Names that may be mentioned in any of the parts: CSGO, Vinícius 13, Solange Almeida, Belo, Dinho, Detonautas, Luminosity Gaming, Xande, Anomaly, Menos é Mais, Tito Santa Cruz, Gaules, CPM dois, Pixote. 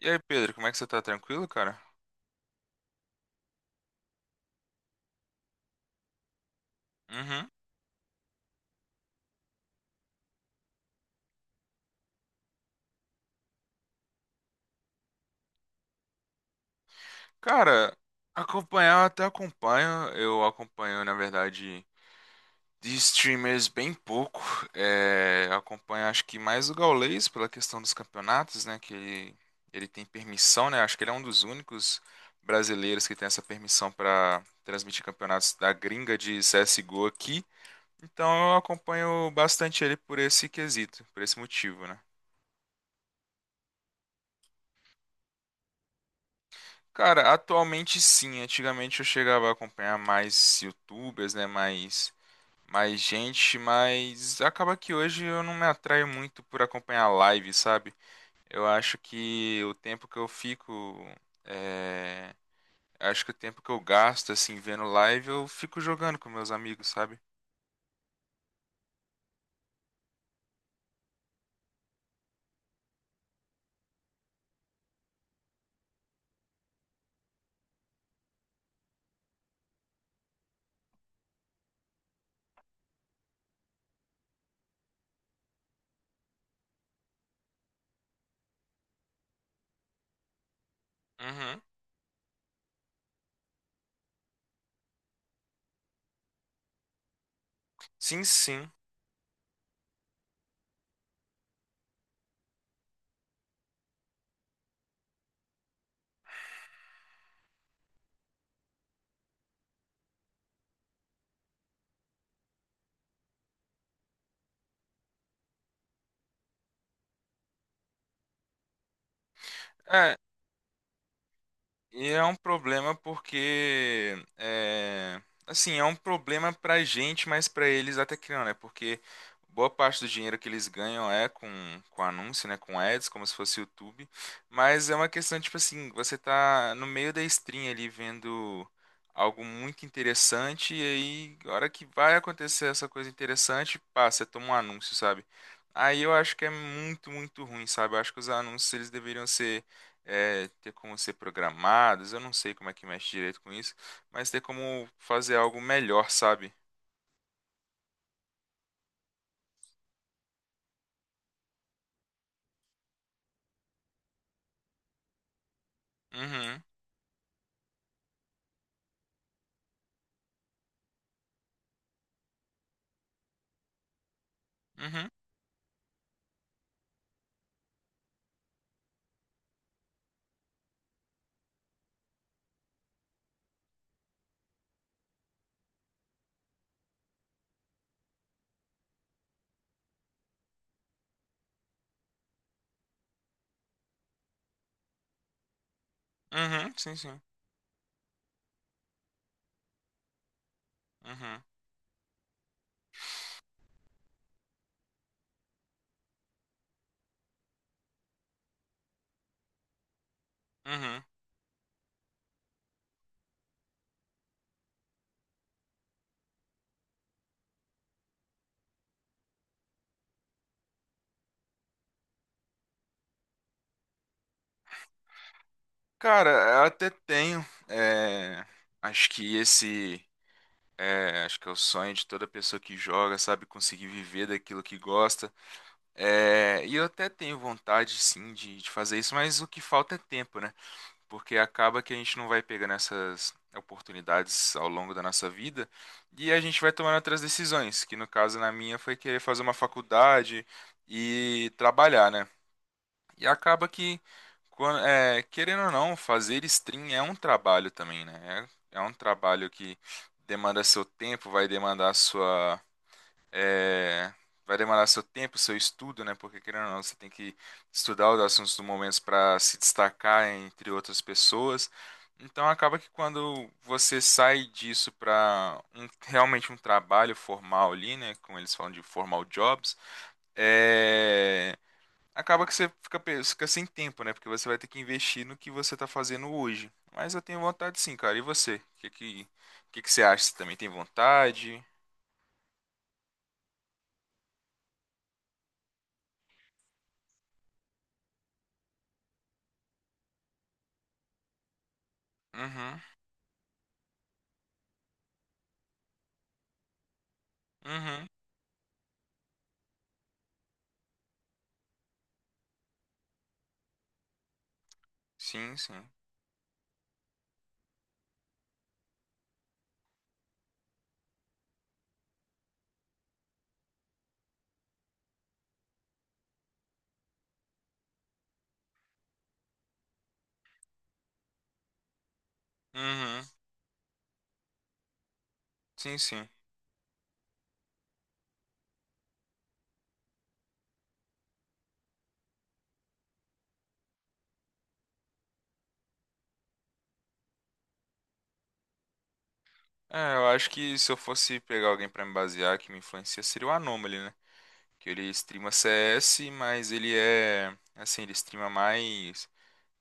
E aí, Pedro, como é que você tá? Tranquilo, cara? Uhum. Cara, acompanhar eu até acompanho. Eu acompanho, na verdade, de streamers bem pouco. Acompanho, acho que mais o Gaules pela questão dos campeonatos, né? Ele tem permissão, né? Acho que ele é um dos únicos brasileiros que tem essa permissão pra transmitir campeonatos da gringa de CSGO aqui. Então eu acompanho bastante ele por esse quesito, por esse motivo, né? Cara, atualmente sim. Antigamente eu chegava a acompanhar mais YouTubers, né? Mais gente, mas acaba que hoje eu não me atraio muito por acompanhar live, sabe? Eu acho que o tempo que eu fico. é, Acho que o tempo que eu gasto, assim, vendo live, eu fico jogando com meus amigos, sabe? Uhum. Sim, sim. É, e é um problema porque, é, assim, é um problema pra gente, mas pra eles até que não, né? Porque boa parte do dinheiro que eles ganham é com anúncio, né? Com ads, como se fosse YouTube. Mas é uma questão, tipo assim, você tá no meio da stream ali vendo algo muito interessante e aí, a hora que vai acontecer essa coisa interessante, pá, você toma um anúncio, sabe? Aí eu acho que é muito, muito ruim, sabe? Eu acho que os anúncios, eles deveriam ter como ser programados, eu não sei como é que mexe direito com isso, mas ter como fazer algo melhor, sabe? Uhum, uhum, uhum, sim, sim. Uhum, uhum. Cara, eu até tenho. É, acho que esse. Acho que é o sonho de toda pessoa que joga, sabe? Conseguir viver daquilo que gosta. É, e eu até tenho vontade, sim, de fazer isso, mas o que falta é tempo, né? Porque acaba que a gente não vai pegando essas oportunidades ao longo da nossa vida e a gente vai tomando outras decisões, que no caso na minha foi querer fazer uma faculdade e trabalhar, né? E acaba que, querendo ou não, fazer stream é um trabalho também, né? É um trabalho que demanda seu tempo, vai demandar é, vai demorar seu tempo, seu estudo, né? Porque querendo ou não, você tem que estudar os assuntos do momento para se destacar entre outras pessoas. Então acaba que quando você sai disso para realmente um trabalho formal ali, né? Como eles falam de formal jobs, é, acaba que você fica sem tempo, né? Porque você vai ter que investir no que você está fazendo hoje. Mas eu tenho vontade sim, cara. E você? O que você acha? Você também tem vontade? Uhum, uhum. Sim, sim. Uhum. Sim, sim. É, eu acho que se eu fosse pegar alguém pra me basear que me influencia, seria o Anomaly, né? Que ele streama CS, mas ele é, assim, ele streama mais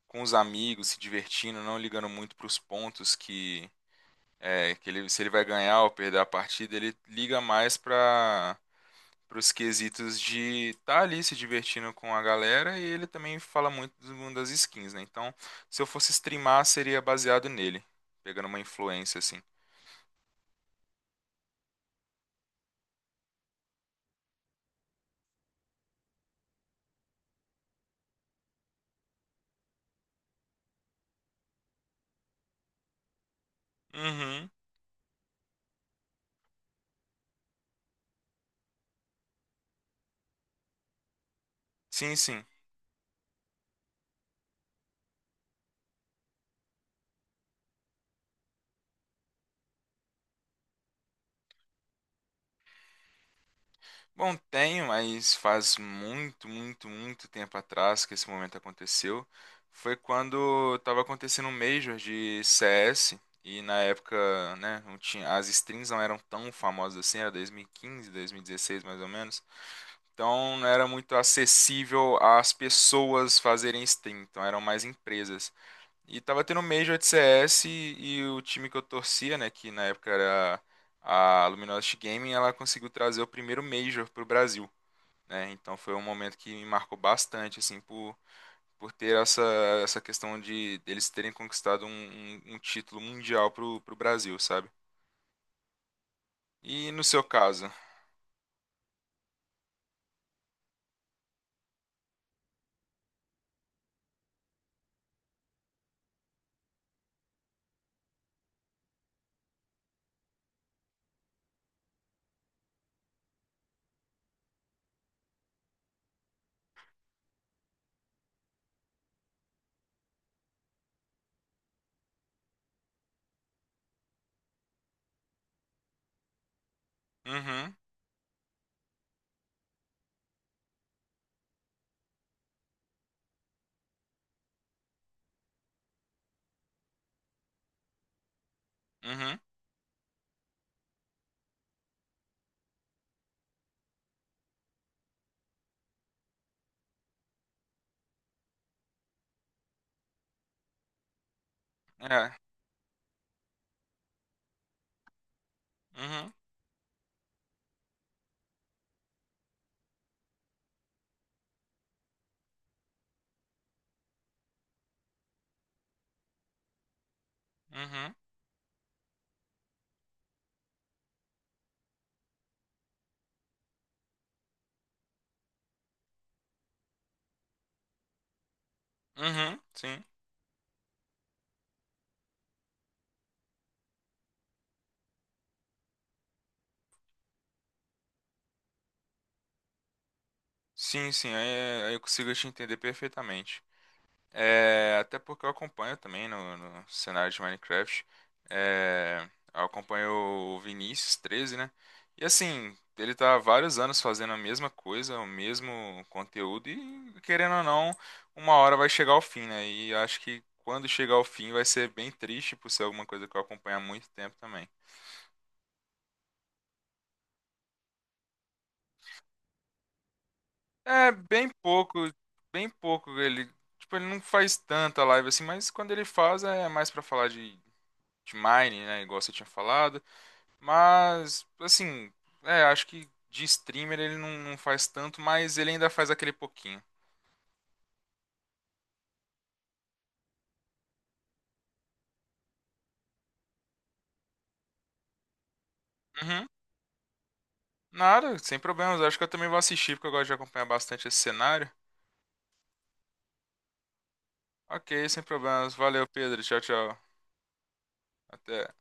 com os amigos, se divertindo, não ligando muito pros pontos que ele se ele vai ganhar ou perder a partida, ele liga mais pra pros quesitos de estar ali se divertindo com a galera e ele também fala muito do mundo das skins, né? Então, se eu fosse streamar, seria baseado nele, pegando uma influência assim. Uhum. Sim, sim. Bom, tenho, mas faz muito tempo atrás que esse momento aconteceu. Foi quando estava acontecendo um Major de CS e na época, né, não tinha, as streams não eram tão famosas assim, era 2015, 2016 mais ou menos. Então não era muito acessível às pessoas fazerem stream, então eram mais empresas. E tava tendo Major de CS e o time que eu torcia, né, que na época era a Luminosity Gaming, ela conseguiu trazer o primeiro Major pro Brasil, né? Então foi um momento que me marcou bastante, assim, por ter essa questão de eles terem conquistado um título mundial pro Brasil, sabe? E no seu caso? Uhum, uhum, é, uhum, uhum, uhum, sim. Sim, sim, aí eu consigo te entender perfeitamente. É, até porque eu acompanho também no cenário de Minecraft. É, eu acompanho o Vinícius 13, né? E assim, ele tá há vários anos fazendo a mesma coisa, o mesmo conteúdo, e querendo ou não, uma hora vai chegar ao fim, né? E acho que quando chegar ao fim vai ser bem triste por ser alguma coisa que eu acompanho há muito tempo também. É bem pouco, bem pouco ele, tipo, ele não faz tanta live assim, mas quando ele faz é mais pra falar de Mine, né, igual você tinha falado. Mas assim, é, acho que de streamer ele não, não faz tanto, mas ele ainda faz aquele pouquinho. Uhum. Nada, sem problemas. Acho que eu também vou assistir porque eu gosto de acompanhar bastante esse cenário. Ok, sem problemas. Valeu, Pedro. Tchau, tchau. Até.